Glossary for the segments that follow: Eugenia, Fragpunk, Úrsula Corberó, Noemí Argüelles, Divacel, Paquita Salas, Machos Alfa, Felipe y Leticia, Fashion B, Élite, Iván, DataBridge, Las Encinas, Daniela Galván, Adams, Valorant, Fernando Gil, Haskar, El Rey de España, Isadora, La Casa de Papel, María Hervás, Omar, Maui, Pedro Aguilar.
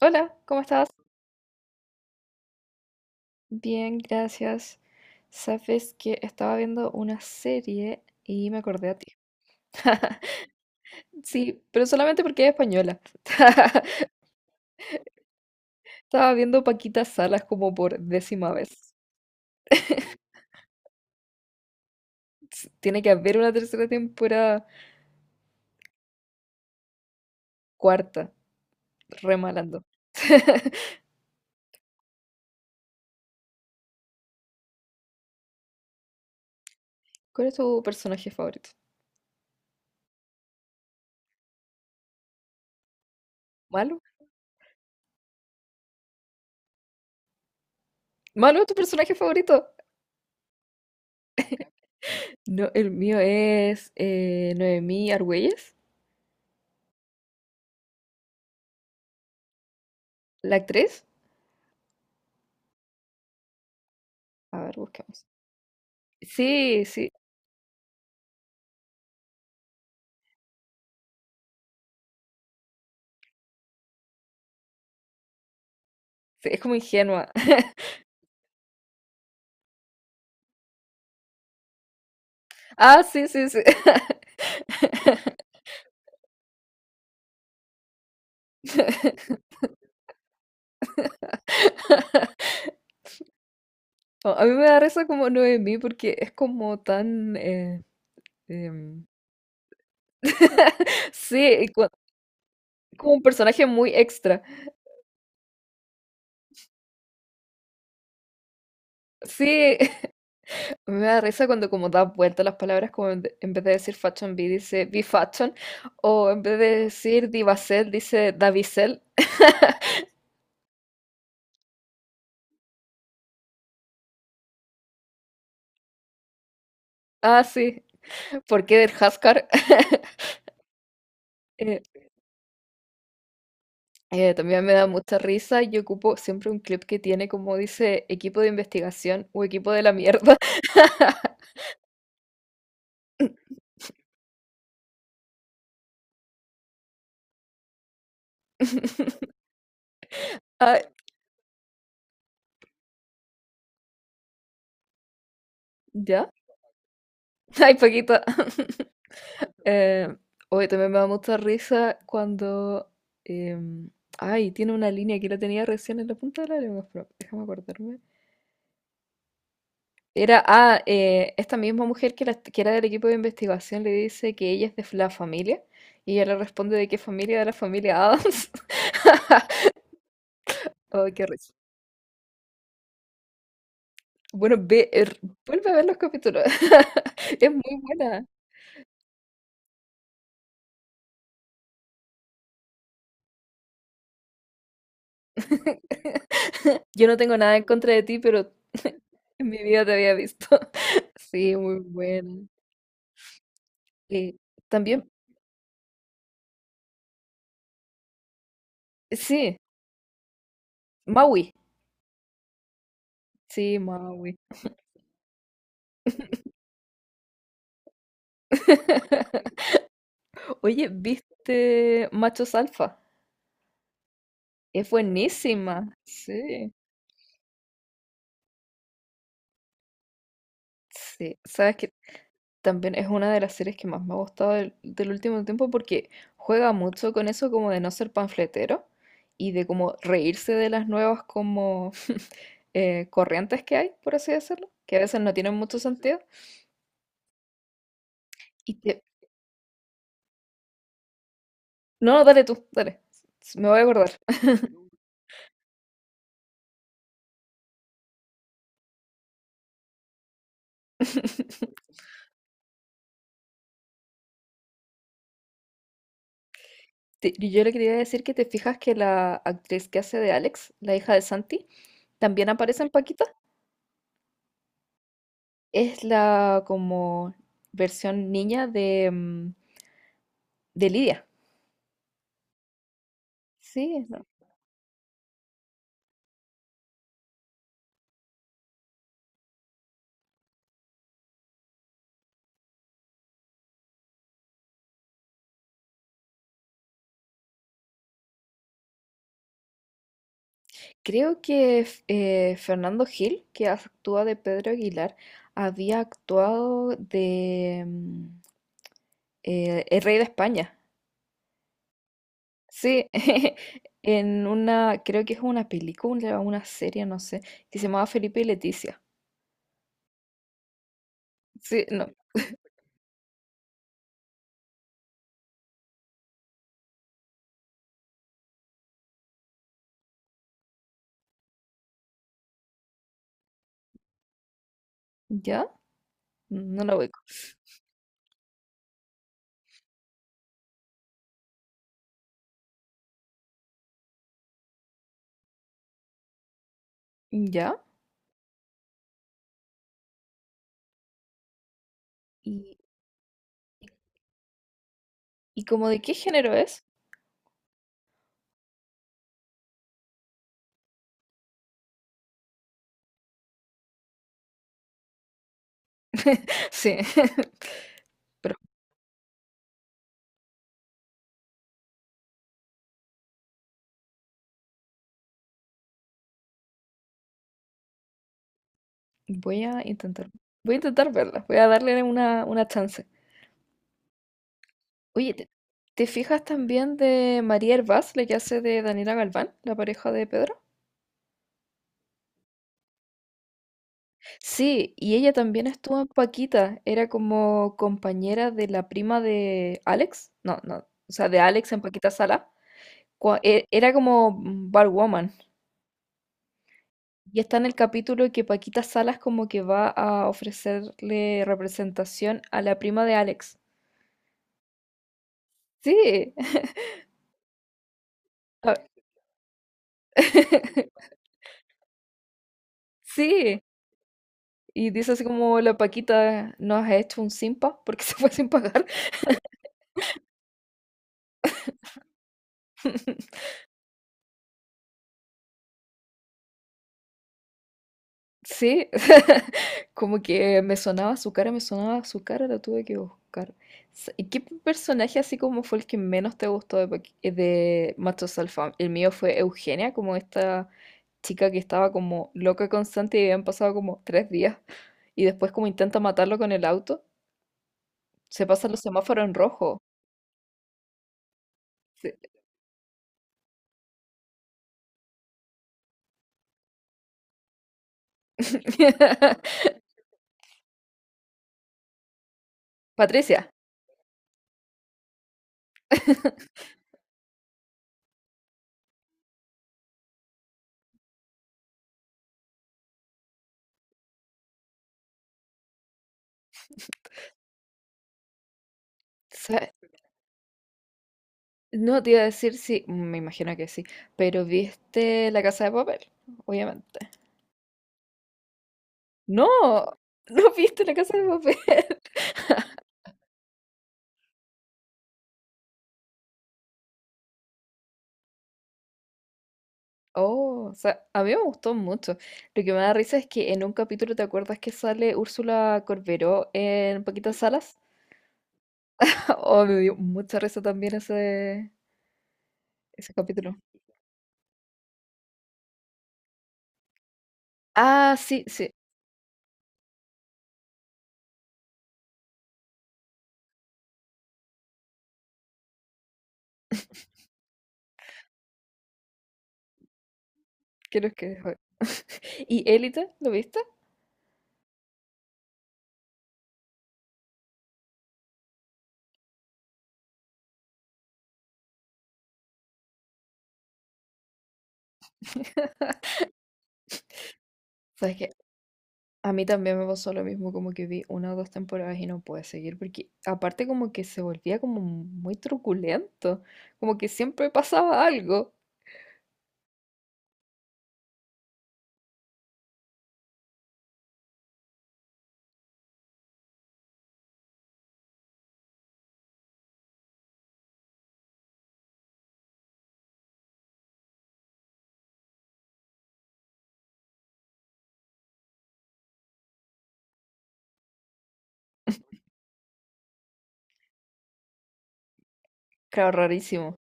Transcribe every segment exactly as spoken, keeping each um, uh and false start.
Hola, ¿cómo estás? Bien, gracias. Sabes que estaba viendo una serie y me acordé a ti. Sí, pero solamente porque es española. Estaba viendo Paquita Salas como por décima vez. S- Tiene que haber una tercera temporada, cuarta, remalando. ¿Cuál es tu personaje favorito? ¿Malo? ¿Malo es tu personaje favorito? No, el mío es eh, Noemí Argüelles, la actriz. A ver, busquemos. Sí, sí, sí, es como ingenua. Ah, sí, sí, sí. No, a mí me da risa como Noemí porque es como tan. eh, em, Sí, y cua- como un personaje muy extra. Sí, a mí me da risa cuando como da vuelta las palabras, como en, de- en vez de decir Fashion B dice B-Fashion, o en vez de decir Divacel dice Davicel. Ah, sí, ¿por qué del Haskar? Eh, eh, también me da mucha risa y ocupo siempre un clip que tiene como dice equipo de investigación o equipo de la mierda. Ah, ¿ya? Ay, Paquita. Eh, hoy también me da mucha risa cuando. em, Ay, tiene una línea que la tenía recién en la punta de la lengua, pero déjame acordarme. Era, ah, eh, esta misma mujer que, la- que era del equipo de investigación le dice que ella es de la familia y ella le responde de qué familia, de la familia Adams. Ay, qué risa. Bueno, ve, er, vuelve a ver los capítulos. Es muy buena. Yo no tengo nada en contra de ti, pero en mi vida te había visto. Sí, muy buena. Eh, también, sí, Maui. Sí, Maui. Oye, ¿viste Machos Alfa? Es buenísima. Sí, sí. Sabes que también es una de las series que más me ha gustado del, del último tiempo porque juega mucho con eso como de no ser panfletero y de como reírse de las nuevas como eh, corrientes que hay, por así decirlo, que a veces no tienen mucho sentido. Y te... No, no, dale tú, dale. Me voy a acordar. Te- y yo le quería decir que te fijas que la actriz que hace de Alex, la hija de Santi, también aparece en Paquita. Es la como versión niña de, mm, de Lidia. Sí, no. Creo que f- eh, Fernando Gil, que actúa de Pedro Aguilar, había actuado de mm, eh, El Rey de España. Sí, en una, creo que es una película o una serie, no sé, que se llamaba Felipe y Leticia. Sí, no, ¿ya? No la voy. ¿Ya? ¿Y, y como de qué género es? Sí, pero voy a intentar, voy a intentar verla, voy a darle una, una chance. Oye, ¿te, te fijas también de María Hervás, la que hace de Daniela Galván, la pareja de Pedro? Sí, y ella también estuvo en Paquita, era como compañera de la prima de Alex, no, no, o sea, de Alex en Paquita Sala, cua- e- era como mm, barwoman, y está en el capítulo que Paquita Salas como que va a ofrecerle representación a la prima de Alex. Sí, a- sí, y dice así como la Paquita nos ha hecho un simpa porque se fue sin pagar. Sí, como que me sonaba su cara, me sonaba su cara, la tuve que buscar. S- ¿Y qué personaje así como fue el que menos te gustó de, Paki- eh, de Machos Alfa? El mío fue Eugenia, como esta chica que estaba como loca constante y habían pasado como tres días. Y después como intenta matarlo con el auto, se pasan los semáforos en rojo. Sí. Patricia. Sa- No te iba a decir si, me imagino que sí, pero ¿viste La Casa de Papel? Obviamente. No, no viste la casa de papel. Oh, o sea, a mí me gustó mucho. Lo que me da risa es que en un capítulo, ¿te acuerdas que sale Úrsula Corberó en Paquita Salas? Oh, me dio mucha risa también ese, ese capítulo. Ah, sí, sí, creo que fue. ¿Y Élite? ¿Lo viste? Sabes que a mí también me pasó lo mismo, como que vi una o dos temporadas y no pude seguir, porque aparte como que se volvía como muy truculento, como que siempre pasaba algo. Claro, rarísimo.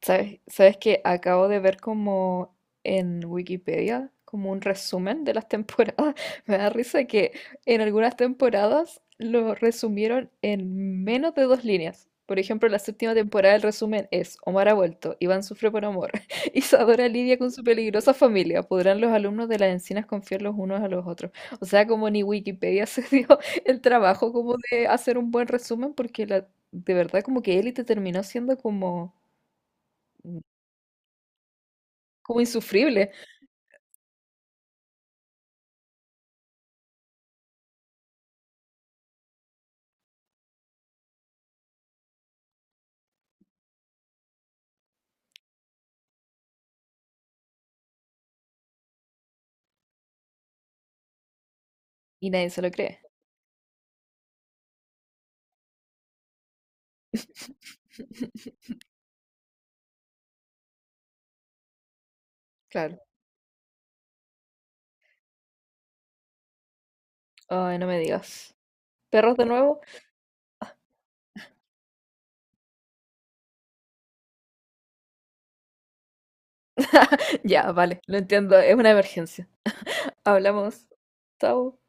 ¿Sabes? ¿Sabes que acabo de ver como en Wikipedia, como un resumen de las temporadas? Me da risa que en algunas temporadas lo resumieron en menos de dos líneas. Por ejemplo, la séptima temporada el resumen es Omar ha vuelto, Iván sufre por amor, Isadora lidia con su peligrosa familia, ¿podrán los alumnos de las encinas confiar los unos a los otros? O sea, como ni Wikipedia se dio el trabajo como de hacer un buen resumen porque la, de verdad como que Élite terminó siendo como como insufrible. Y nadie se lo cree. Claro. Ay, no me digas. ¿Perros de nuevo? Ya, vale, lo entiendo, es una emergencia. Hablamos. Chao.